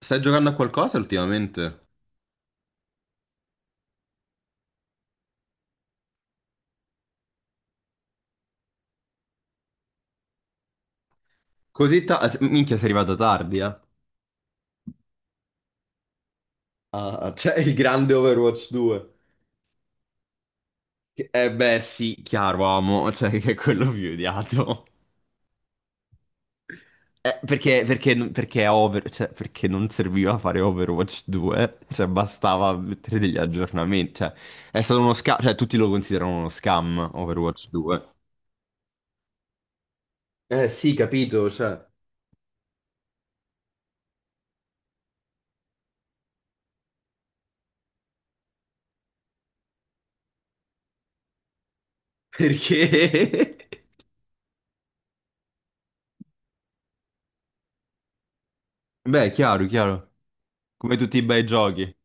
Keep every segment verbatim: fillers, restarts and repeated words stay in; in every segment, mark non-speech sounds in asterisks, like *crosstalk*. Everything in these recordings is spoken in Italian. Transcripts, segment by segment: Stai giocando a qualcosa ultimamente? Così ta- ah, se- Minchia, sei arrivata tardi, eh? Ah, c'è il grande Overwatch due. Che- Eh beh, sì, chiaro, amo, *laughs* cioè che è quello più odiato. Eh, perché, perché, perché è over- cioè, perché non serviva fare Overwatch due, cioè bastava mettere degli aggiornamenti, cioè è stato uno scam, cioè tutti lo considerano uno scam Overwatch due. Eh sì, capito, cioè. Perché? *laughs* Beh, chiaro, chiaro, come tutti i bei giochi.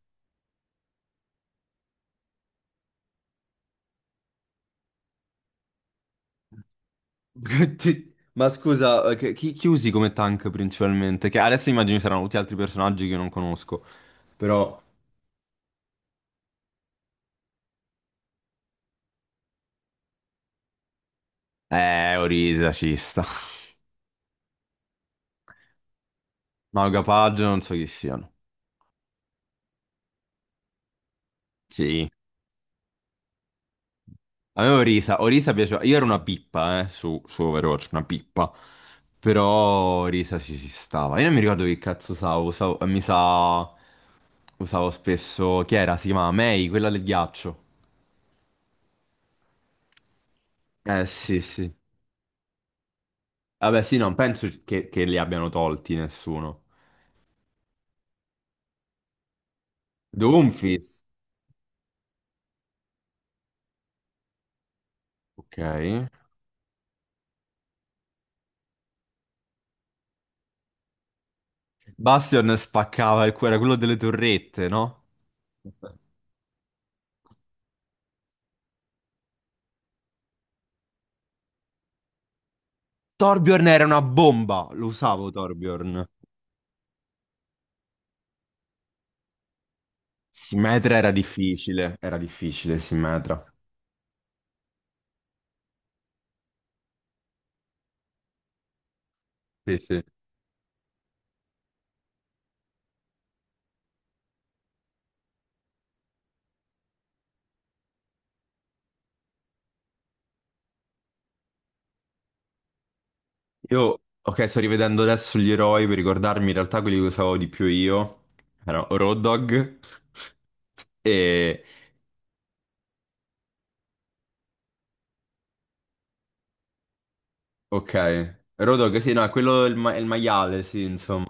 *laughs* Ti- Ma scusa, eh, che- chi, chi usi come tank principalmente? Che adesso immagino ci saranno tutti altri personaggi che non conosco, però. Eh, Orisa ci sta. *laughs* Mago Paggio non so chi siano. Sì. A me Orisa, Orisa piaceva. Io ero una pippa, eh, su, su Overwatch, una pippa. Però Orisa ci si stava. Io non mi ricordo che cazzo usavo, usavo... eh, Mi sa. Usavo spesso. Chi era? Si chiamava May, quella del ghiaccio. Eh, sì, sì. Vabbè, sì, non penso che, che li abbiano tolti nessuno. Doomfist. Ok. Bastion spaccava il cuore, era quello delle torrette, no? Torbjorn era una bomba, lo usavo Torbjorn. Simmetra era difficile, era difficile Simmetra. Sì, sì. Io, ok, sto rivedendo adesso gli eroi per ricordarmi in realtà quelli che usavo di più io. Era Road Dogg *laughs* e. Ok. Road Dogg, sì, no, quello è il, ma- è il maiale, sì, insomma.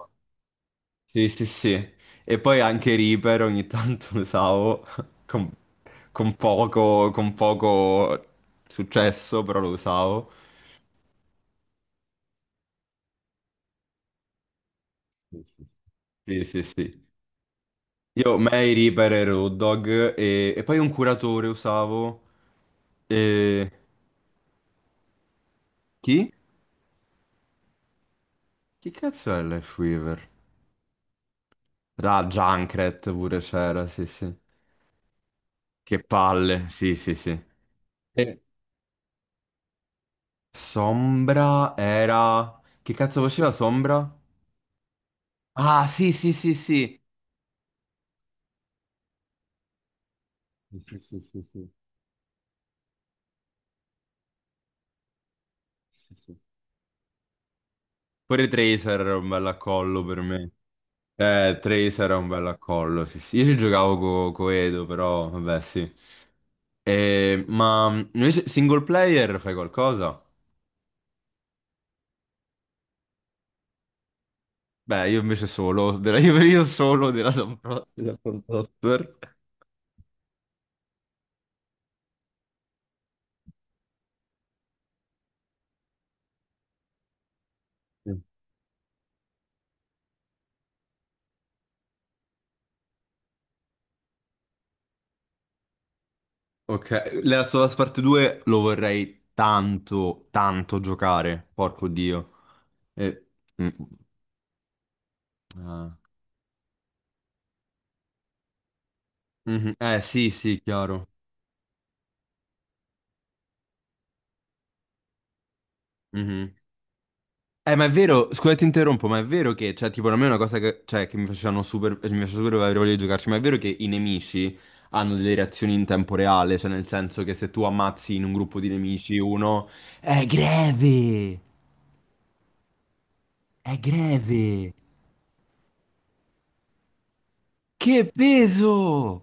Sì, sì, sì. E poi anche Reaper ogni tanto lo usavo *laughs* con, con poco, con poco successo, però lo usavo. Sì, sì. Sì, sì, sì. Io May, Reaper e Road Dogg e, e poi un curatore usavo. E. Chi? Chi cazzo è Life Weaver? Ah, Junkrat pure c'era, sì, sì. Che palle, sì, sì, sì. E Sombra era. Che cazzo faceva Sombra? Ah, sì, sì, sì, sì. Sì, sì, sì, sì, sì, sì. Pure Tracer era un bel accollo per me. Eh, Tracer era un bel accollo, sì, sì. Io ci giocavo co, co Edo, però, vabbè, sì. Eh, ma invece single player fai qualcosa? Beh, io invece solo, *laughs* della, io, io solo della Sun Pro- della Front Software. Sì. Ok, Last of Us Part due lo vorrei tanto, tanto giocare, porco Dio. Eh, mm, ah. Mhm. Eh sì, sì, chiaro. Mhm. Eh, ma è vero, scusa, ti interrompo, ma è vero che, cioè, tipo, a me è una cosa che, cioè, che mi facevano super, cioè, mi faceva super avere voglia di giocarci, ma è vero che i nemici hanno delle reazioni in tempo reale, cioè, nel senso che se tu ammazzi in un gruppo di nemici uno, è greve, è greve, che peso!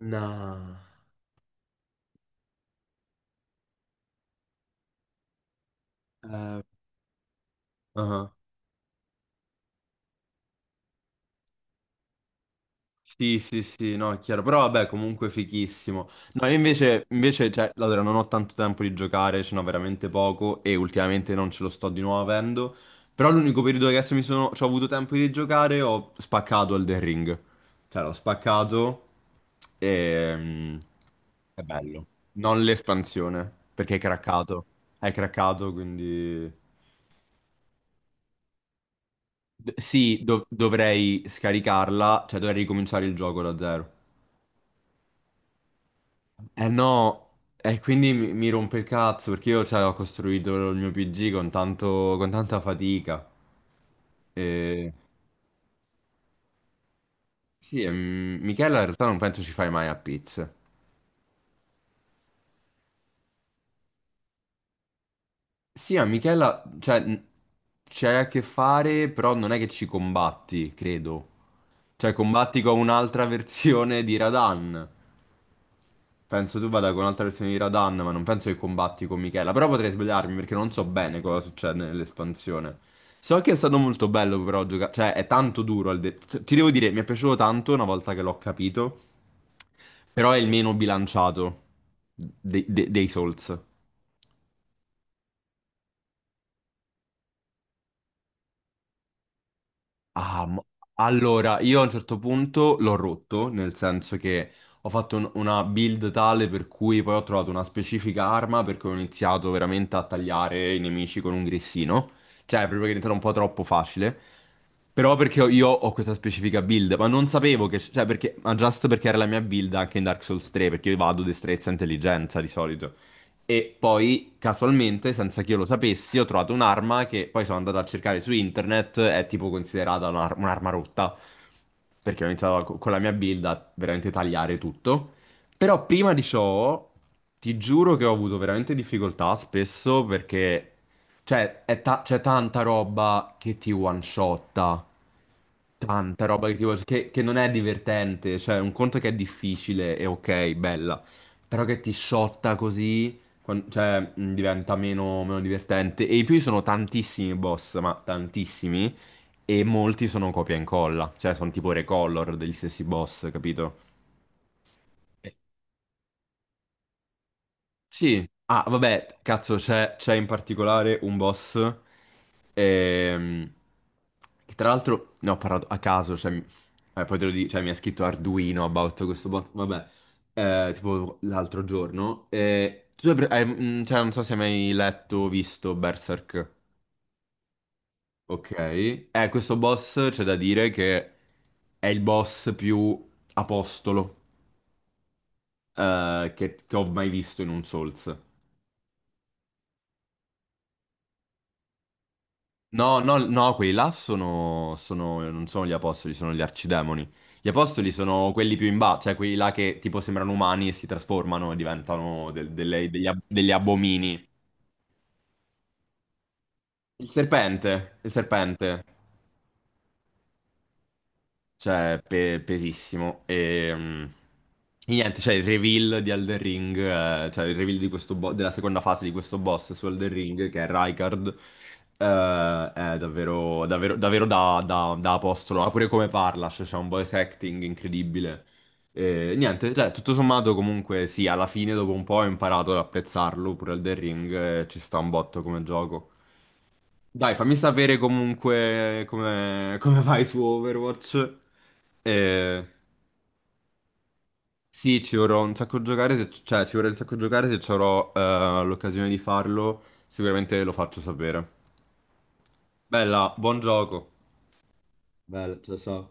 No. Eh, ah. Sì, sì, sì, no, è chiaro, però vabbè, comunque fichissimo. No, io invece, invece, cioè, allora, non ho tanto tempo di giocare, ce n'ho veramente poco e ultimamente non ce lo sto di nuovo avendo, però l'unico periodo che adesso mi sono, c'ho avuto tempo di giocare, ho spaccato Elden Ring. Cioè, l'ho spaccato e mm, è bello. Non l'espansione, perché è craccato. È craccato, quindi. D- sì, dov- dovrei scaricarla, cioè dovrei ricominciare il gioco da zero. Eh no, e quindi mi, mi rompe il cazzo perché io cioè, ho costruito il mio P G con tanto, con tanta fatica. E. Sì, e, mm, Michela in realtà non penso ci fai mai a pizza. Sì, a Michela, cioè, n- c'hai a che fare, però non è che ci combatti, credo. Cioè, combatti con un'altra *laughs* versione di Radan. Penso tu vada con un'altra versione di Radan, ma non penso che combatti con Michela. Però potrei sbagliarmi perché non so bene cosa succede nell'espansione. So che è stato molto bello però giocare, cioè è tanto duro. al de- Ti devo dire, mi è piaciuto tanto una volta che l'ho capito, però è il meno bilanciato de- de- dei Souls. Ah, mo- allora, io a un certo punto l'ho rotto, nel senso che ho fatto un- una build tale per cui poi ho trovato una specifica arma perché ho iniziato veramente a tagliare i nemici con un grissino. Cioè, proprio che è diventato un po' troppo facile. Però perché ho- io ho questa specifica build, ma non sapevo che. Cioè, perché. Ma just perché era la mia build anche in Dark Souls tre, perché io vado destrezza e intelligenza di solito. E poi, casualmente, senza che io lo sapessi, ho trovato un'arma che poi sono andato a cercare su internet, è tipo considerata un'ar- un'arma rotta, perché ho iniziato a- con la mia build a veramente tagliare tutto. Però prima di ciò, ti giuro che ho avuto veramente difficoltà spesso perché, cioè, è ta- c'è tanta roba che ti one-shotta. Tanta roba che, tipo, che, che non è divertente, cioè un conto che è difficile e ok, bella, però che ti sciotta così, quan- cioè mh, diventa meno, meno divertente. E in più ci sono tantissimi boss, ma tantissimi, e molti sono copia e incolla, cioè sono tipo recolor degli stessi boss, capito? Sì. Ah, vabbè, cazzo, c'è c'è in particolare un boss ehm, che tra l'altro ne ho parlato a caso, cioè, mi- eh, poi te lo dico, cioè, mi ha scritto Arduino about questo boss, vabbè, eh, tipo l'altro giorno. eh, tu hai pre- hai- mm, cioè, non so se hai mai letto o visto Berserk. Ok, eh, questo boss c'è da dire che è il boss più apostolo eh, che, che ho mai visto in un Souls. No, no, no, quelli là sono, sono- non sono gli apostoli, sono gli arcidemoni. Gli apostoli sono quelli più in basso, cioè quelli là che tipo sembrano umani e si trasformano e diventano del- delle- degli, ab- degli abomini. Il serpente, il serpente. Cioè, pe- pesissimo. E, mm, e niente, cioè il reveal di Elden Ring, eh, cioè il reveal di questo bo- della seconda fase di questo boss su Elden Ring, che è Rykard, eh, è davvero, davvero, davvero da, da, da apostolo. Ma pure come parla, cioè, c'è un voice acting incredibile. E, niente, cioè, tutto sommato comunque sì, alla fine dopo un po' ho imparato ad apprezzarlo, pure Elden Ring, eh, ci sta un botto come gioco. Dai, fammi sapere comunque come, come vai su Overwatch. Eh, sì, ci vorrò un sacco giocare se, cioè, ci vorrei un sacco giocare se ci avrò eh, l'occasione di farlo. Sicuramente lo faccio sapere. Bella, buon gioco. Bella, ciao ciao.